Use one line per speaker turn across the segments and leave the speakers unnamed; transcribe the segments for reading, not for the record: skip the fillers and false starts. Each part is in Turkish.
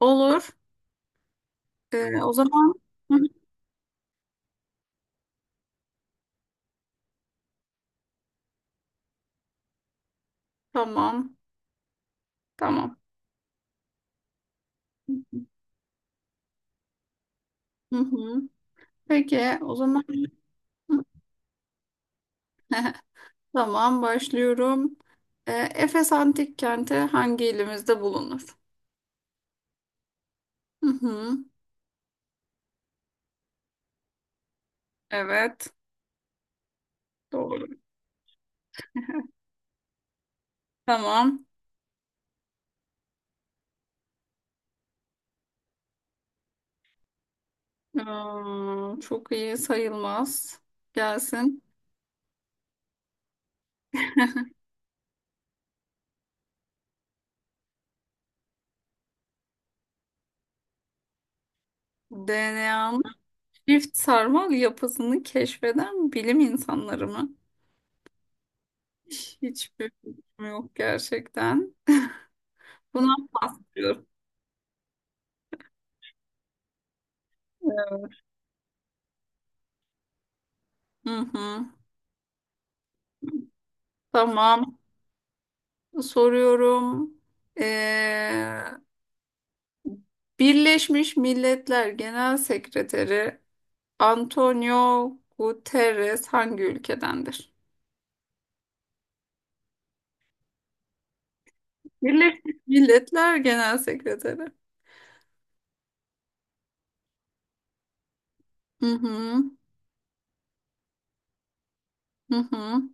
Olur. O zaman hı hı. Tamam. Tamam. Hı hı. Peki o zaman tamam başlıyorum. Efes Antik Kenti hangi ilimizde bulunur? Hı hı. Evet. Doğru. Tamam. Aa, çok iyi sayılmaz. Gelsin. DNA'nın çift sarmal yapısını keşfeden bilim insanları mı? Hiçbir fikrim yok gerçekten. Bunu yapıyorum. Hı hı. Tamam. Soruyorum. Ee, Birleşmiş Milletler Genel Sekreteri Antonio Guterres hangi ülkedendir? Birleşmiş Milletler Genel Sekreteri. Hı hı. Hı hı.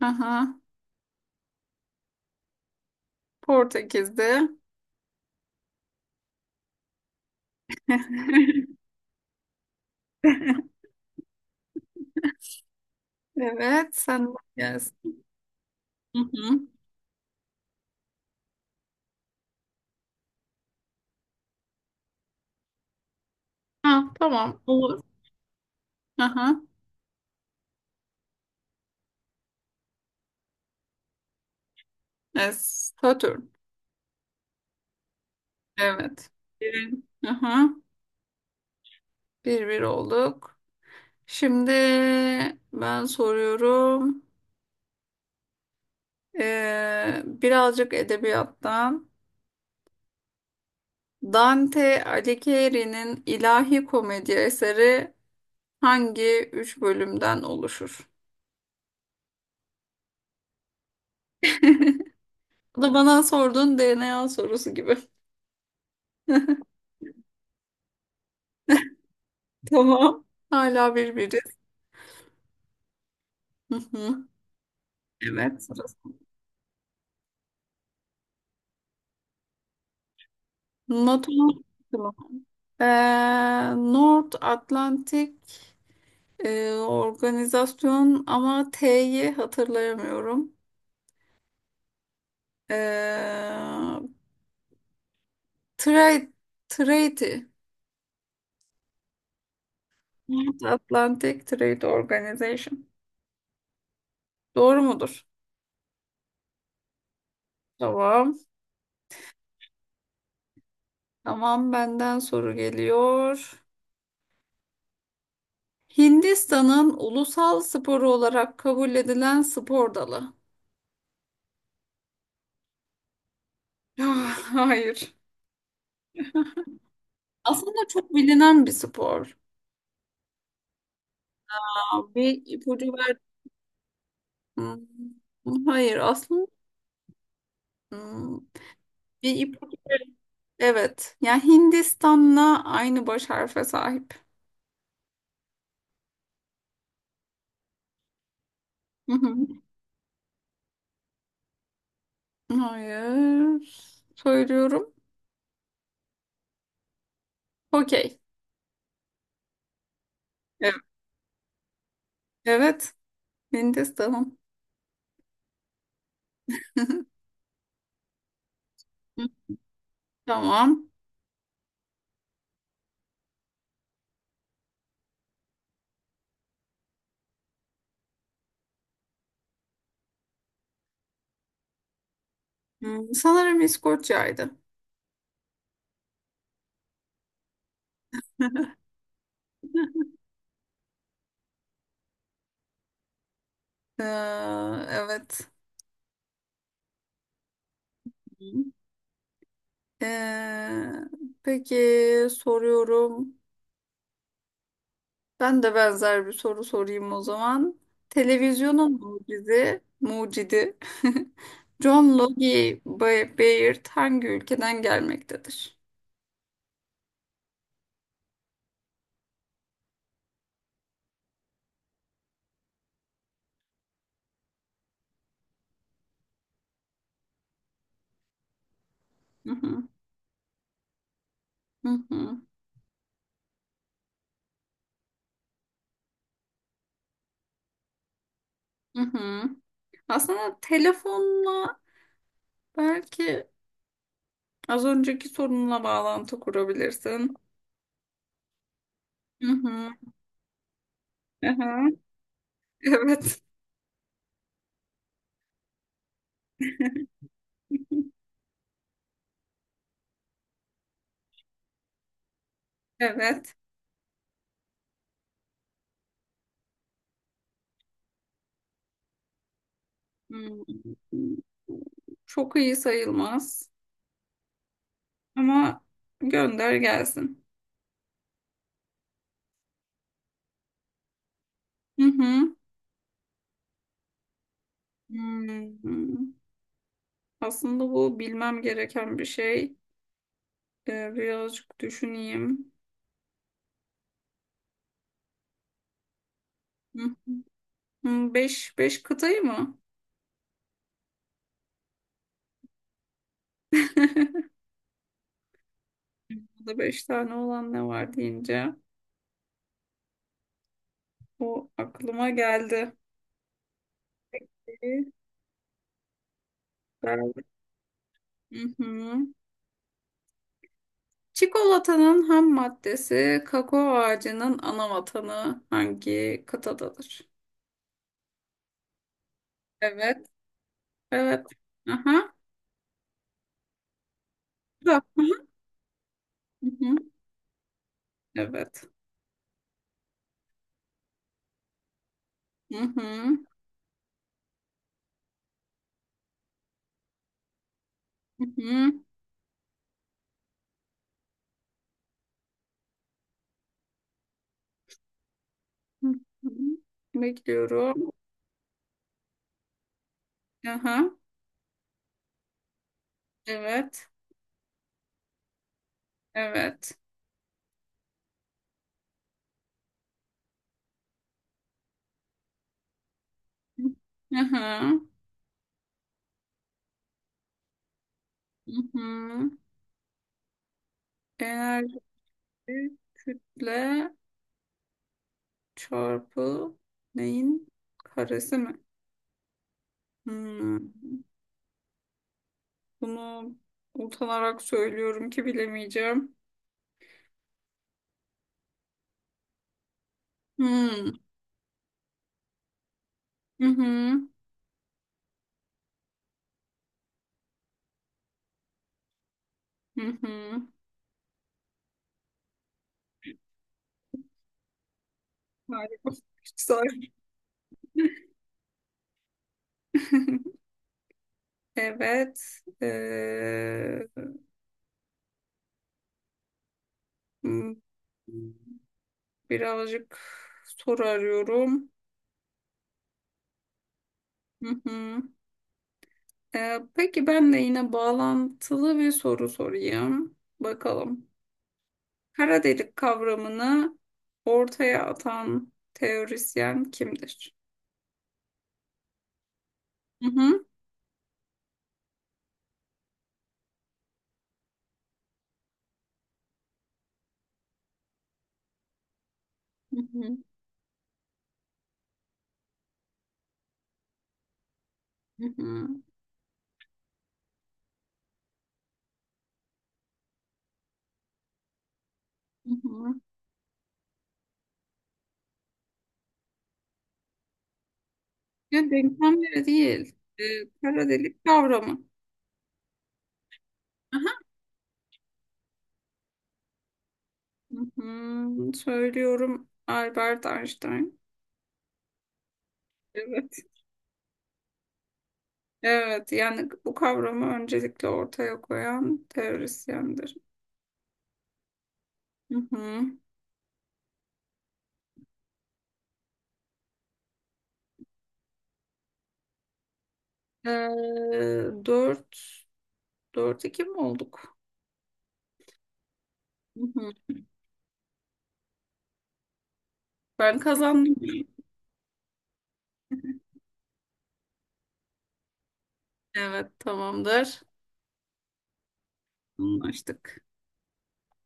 Aha. Portekiz'de. Evet, sen de gelsin. Hı hı. Ha, tamam, olur. Aha. Es Satürn. Evet. Bir, aha. Bir bir olduk. Şimdi ben soruyorum. Birazcık edebiyattan. Dante Alighieri'nin İlahi Komedi eseri hangi üç bölümden oluşur? Bu da bana sorduğun DNA sorusu gibi. Tamam. Hala birbiriz. Hı hı. Evet. NATO North Atlantic organizasyon ama T'yi hatırlayamıyorum. Ee, Trade, Trade, North Atlantic Trade Organization. Doğru mudur? Tamam. Tamam, benden soru geliyor. Hindistan'ın ulusal sporu olarak kabul edilen spor dalı. Hayır. Aslında çok bilinen bir spor. Aa, bir ipucu ver. Hayır, aslında hmm, bir ipucu ver. Evet. Yani Hindistan'la aynı baş harfe sahip. Hayır. Söylüyorum. Okey. Evet. Evet. Mendes tamam. Tamam. Sanırım İskoçya'ydı. Ee, evet. Hı. Ee, peki soruyorum. Ben de benzer bir soru sorayım o zaman. Televizyonun mucidi, mucidi John Logie Baird hangi ülkeden gelmektedir? Hı hı. Hı hı. Hı hı. Aslında telefonla belki az önceki sorunla bağlantı kurabilirsin. Hı hı. Aha. Evet. Evet. Hmm. Çok iyi sayılmaz. Ama gönder gelsin. Hı hı. Hmm. Aslında bu bilmem gereken bir şey. Birazcık düşüneyim. Hı. Hı, beş, beş kıtayı mı? Burada beş tane olan ne var deyince o aklıma geldi. Yani hı hı. Çikolatanın ham maddesi kakao ağacının ana vatanı hangi kıtadadır? Evet, evet. Aha. Da. Hı hı. Evet. Hı hı. Hı hı. Hı hı. Bekliyorum. Aha. Evet. Evet. Aha. Hı hı. Enerji kütle çarpı neyin karesi mi? Hmm. Bunu utanarak söylüyorum ki bilemeyeceğim. Hmm. Hı hı. Hı hı. Harika. Güzel. Evet. Ee, hmm, birazcık soru arıyorum. Hı hı. Peki ben de yine bağlantılı bir soru sorayım. Bakalım. Kara delik kavramını ortaya atan teorisyen kimdir? Hı hı. Hı hı. Hı hı. Hı hı. Ya denklemleri değil. E, kara delik kavramı. Aha. Hı, söylüyorum Albert Einstein. Evet. Evet yani bu kavramı öncelikle ortaya koyan teorisyendir. Hı-hı. E, dört, dört iki mi olduk? Hı-hı. Ben kazandım. Evet tamamdır. Anlaştık.